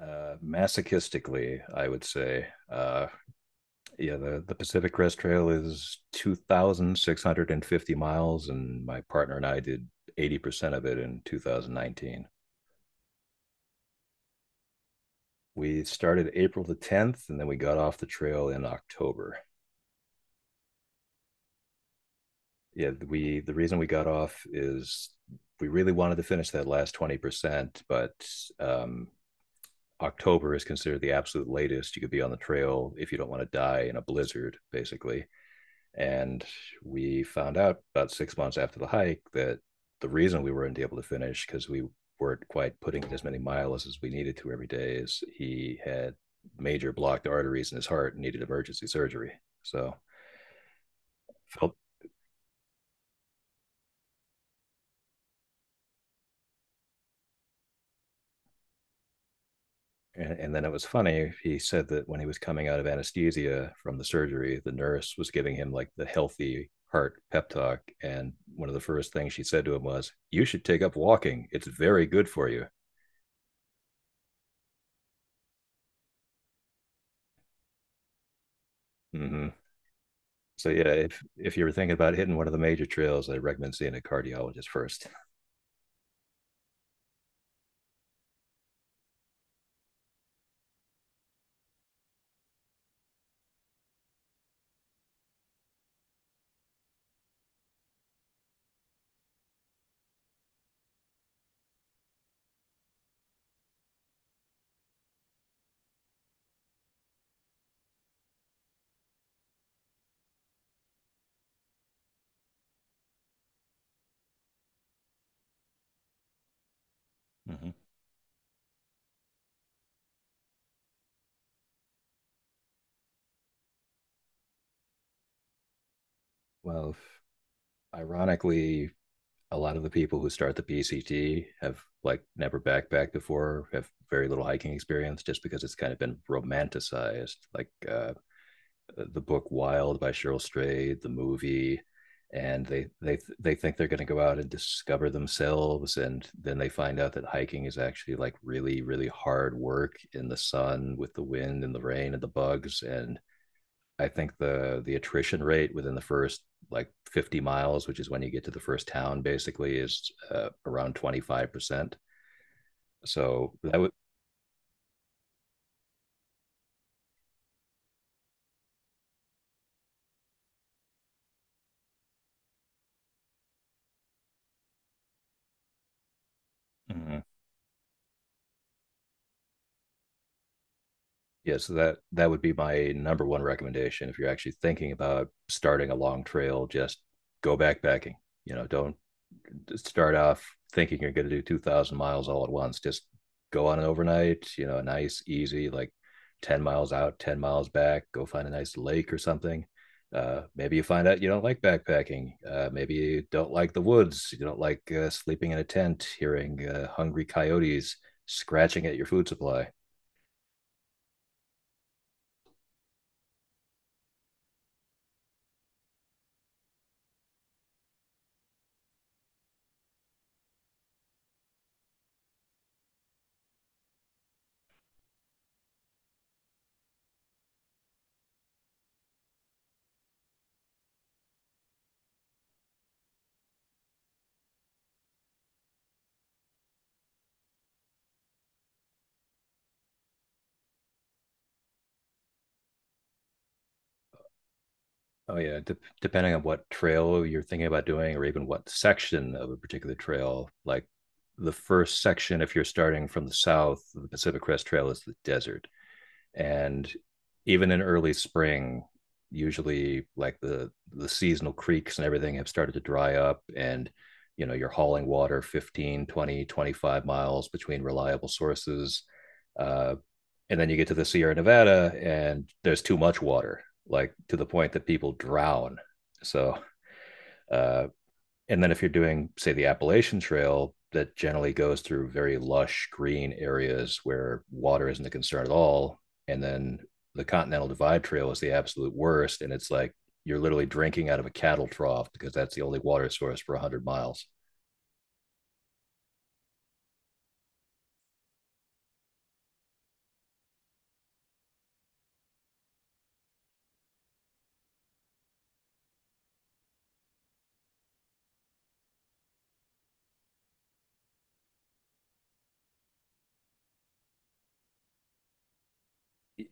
Masochistically, I would say. The Pacific Crest Trail is 2,650 miles, and my partner and I did 80% of it in 2019. We started April the 10th, and then we got off the trail in October. Yeah, we the reason we got off is we really wanted to finish that last 20%, but um, October is considered the absolute latest you could be on the trail if you don't want to die in a blizzard, basically. And we found out about 6 months after the hike that the reason we weren't able to finish, because we weren't quite putting in as many miles as we needed to every day, is he had major blocked arteries in his heart and needed emergency surgery. So felt then it was funny. He said that when he was coming out of anesthesia from the surgery, the nurse was giving him like the healthy heart pep talk. And one of the first things she said to him was, "You should take up walking. It's very good for you." Mm-hmm. So yeah, if you're thinking about hitting one of the major trails, I recommend seeing a cardiologist 1st. Mhm. Well, ironically, a lot of the people who start the PCT have like never backpacked before, have very little hiking experience, just because it's kind of been romanticized. The book Wild by Cheryl Strayed, the movie, and they think they're going to go out and discover themselves, and then they find out that hiking is actually like really really hard work in the sun with the wind and the rain and the bugs. And I think the attrition rate within the first like 50 miles, which is when you get to the first town, basically is around 25%. So that would. Mm-hmm. Yeah, so that that would be my number one recommendation if you're actually thinking about starting a long trail, just go backpacking. You know, don't start off thinking you're going to do 2000 miles all at once. Just go on an overnight, you know, a nice easy like 10 miles out, 10 miles back, go find a nice lake or something. Maybe you find out you don't like backpacking. Maybe you don't like the woods. You don't like sleeping in a tent, hearing hungry coyotes scratching at your food supply. Oh yeah, depending on what trail you're thinking about doing, or even what section of a particular trail. Like the first section, if you're starting from the south, the Pacific Crest Trail is the desert, and even in early spring, usually like the seasonal creeks and everything have started to dry up, and you know you're hauling water 15, 20, 25 miles between reliable sources. Uh, and then you get to the Sierra Nevada, and there's too much water, like to the point that people drown. So, uh, and then if you're doing, say, the Appalachian Trail, that generally goes through very lush green areas where water isn't a concern at all. And then the Continental Divide Trail is the absolute worst. And it's like you're literally drinking out of a cattle trough because that's the only water source for 100 miles.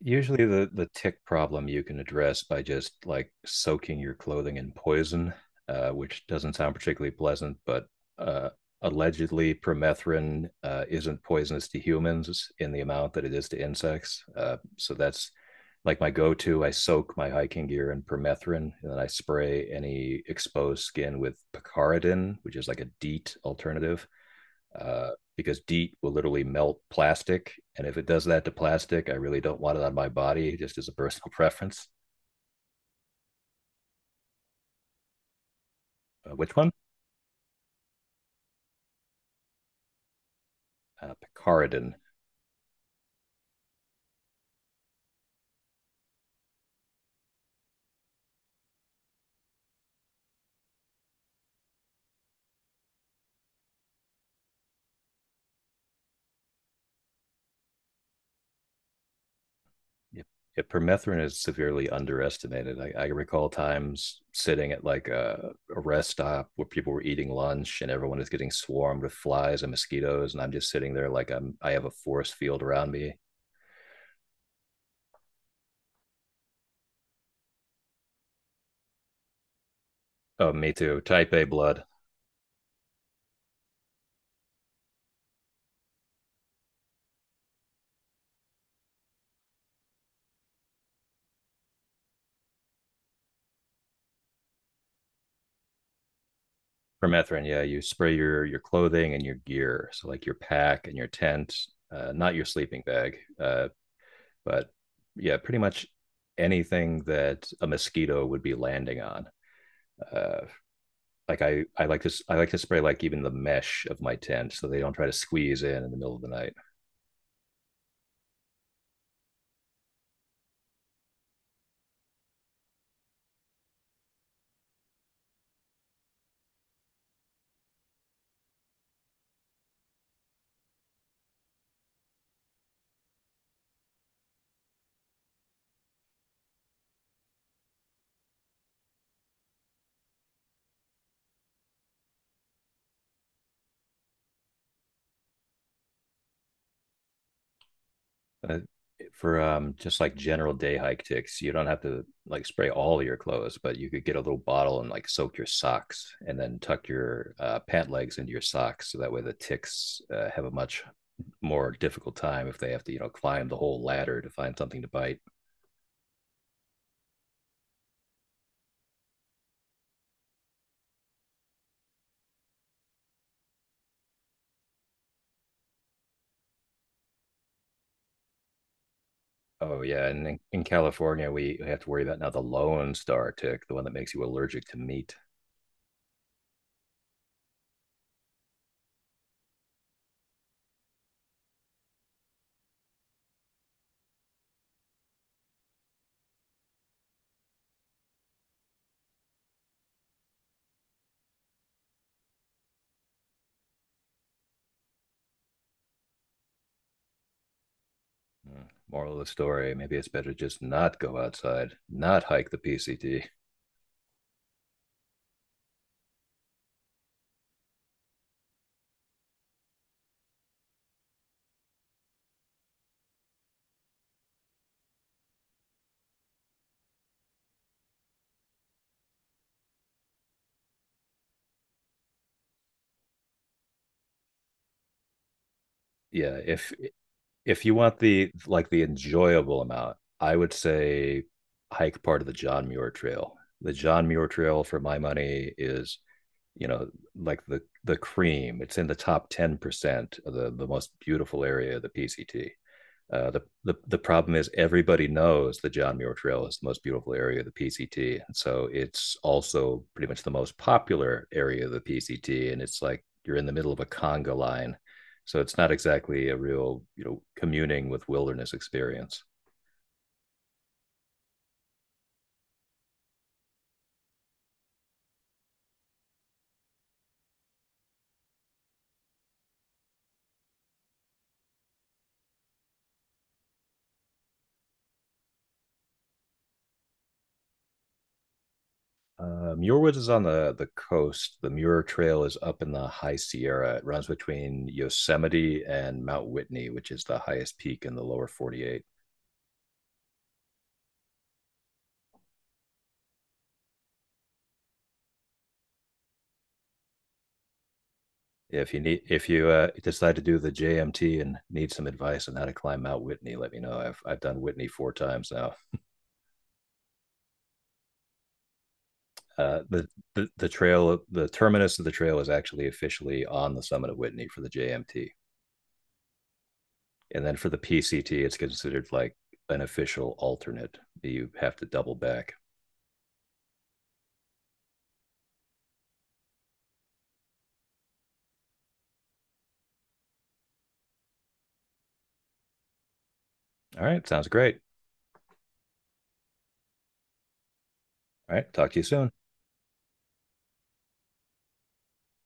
Usually the tick problem you can address by just like soaking your clothing in poison, which doesn't sound particularly pleasant, but uh, allegedly permethrin isn't poisonous to humans in the amount that it is to insects. So that's like my go-to. I soak my hiking gear in permethrin, and then I spray any exposed skin with picaridin, which is like a DEET alternative, uh, because DEET will literally melt plastic. And if it does that to plastic, I really don't want it on my body, just as a personal preference. Which one? Picaridin. Yep. Yep, permethrin is severely underestimated. I recall times sitting at like a rest stop where people were eating lunch and everyone is getting swarmed with flies and mosquitoes, and I'm just sitting there like I have a force field around me. Oh, me too. Type A blood. Permethrin, yeah, you spray your clothing and your gear, so like your pack and your tent, not your sleeping bag, but yeah, pretty much anything that a mosquito would be landing on. Uh, like I like to spray like even the mesh of my tent so they don't try to squeeze in the middle of the night. uh, for just like general day hike ticks, you don't have to like spray all of your clothes, but you could get a little bottle and like soak your socks and then tuck your pant legs into your socks so that way the ticks have a much more difficult time. If they have to, you know, climb the whole ladder to find something to bite. Oh yeah, and in California we have to worry about now the lone star tick, the one that makes you allergic to meat. Mm. Moral of the story, maybe it's better just not go outside, not hike the PCT. Yeah if if you want the like the enjoyable amount, I would say hike part of the John Muir Trail. The John Muir Trail, for my money, is, you know, like the cream. It's in the top 10% of the most beautiful area of the PCT. The problem is everybody knows the John Muir Trail is the most beautiful area of the PCT, and so it's also pretty much the most popular area of the PCT. And it's like you're in the middle of a conga line, so it's not exactly a real, you know, communing with wilderness experience. Muir Woods is on the coast. The Muir Trail is up in the High Sierra. It runs between Yosemite and Mount Whitney, which is the highest peak in the lower 48. If you decide to do the JMT and need some advice on how to climb Mount Whitney, let me know. I've done Whitney 4 times now. Uh, the, the trail, the terminus of the trail is actually officially on the summit of Whitney for the JMT, and then for the PCT, it's considered like an official alternate. You have to double back. All right, sounds great. All right. Talk to you soon.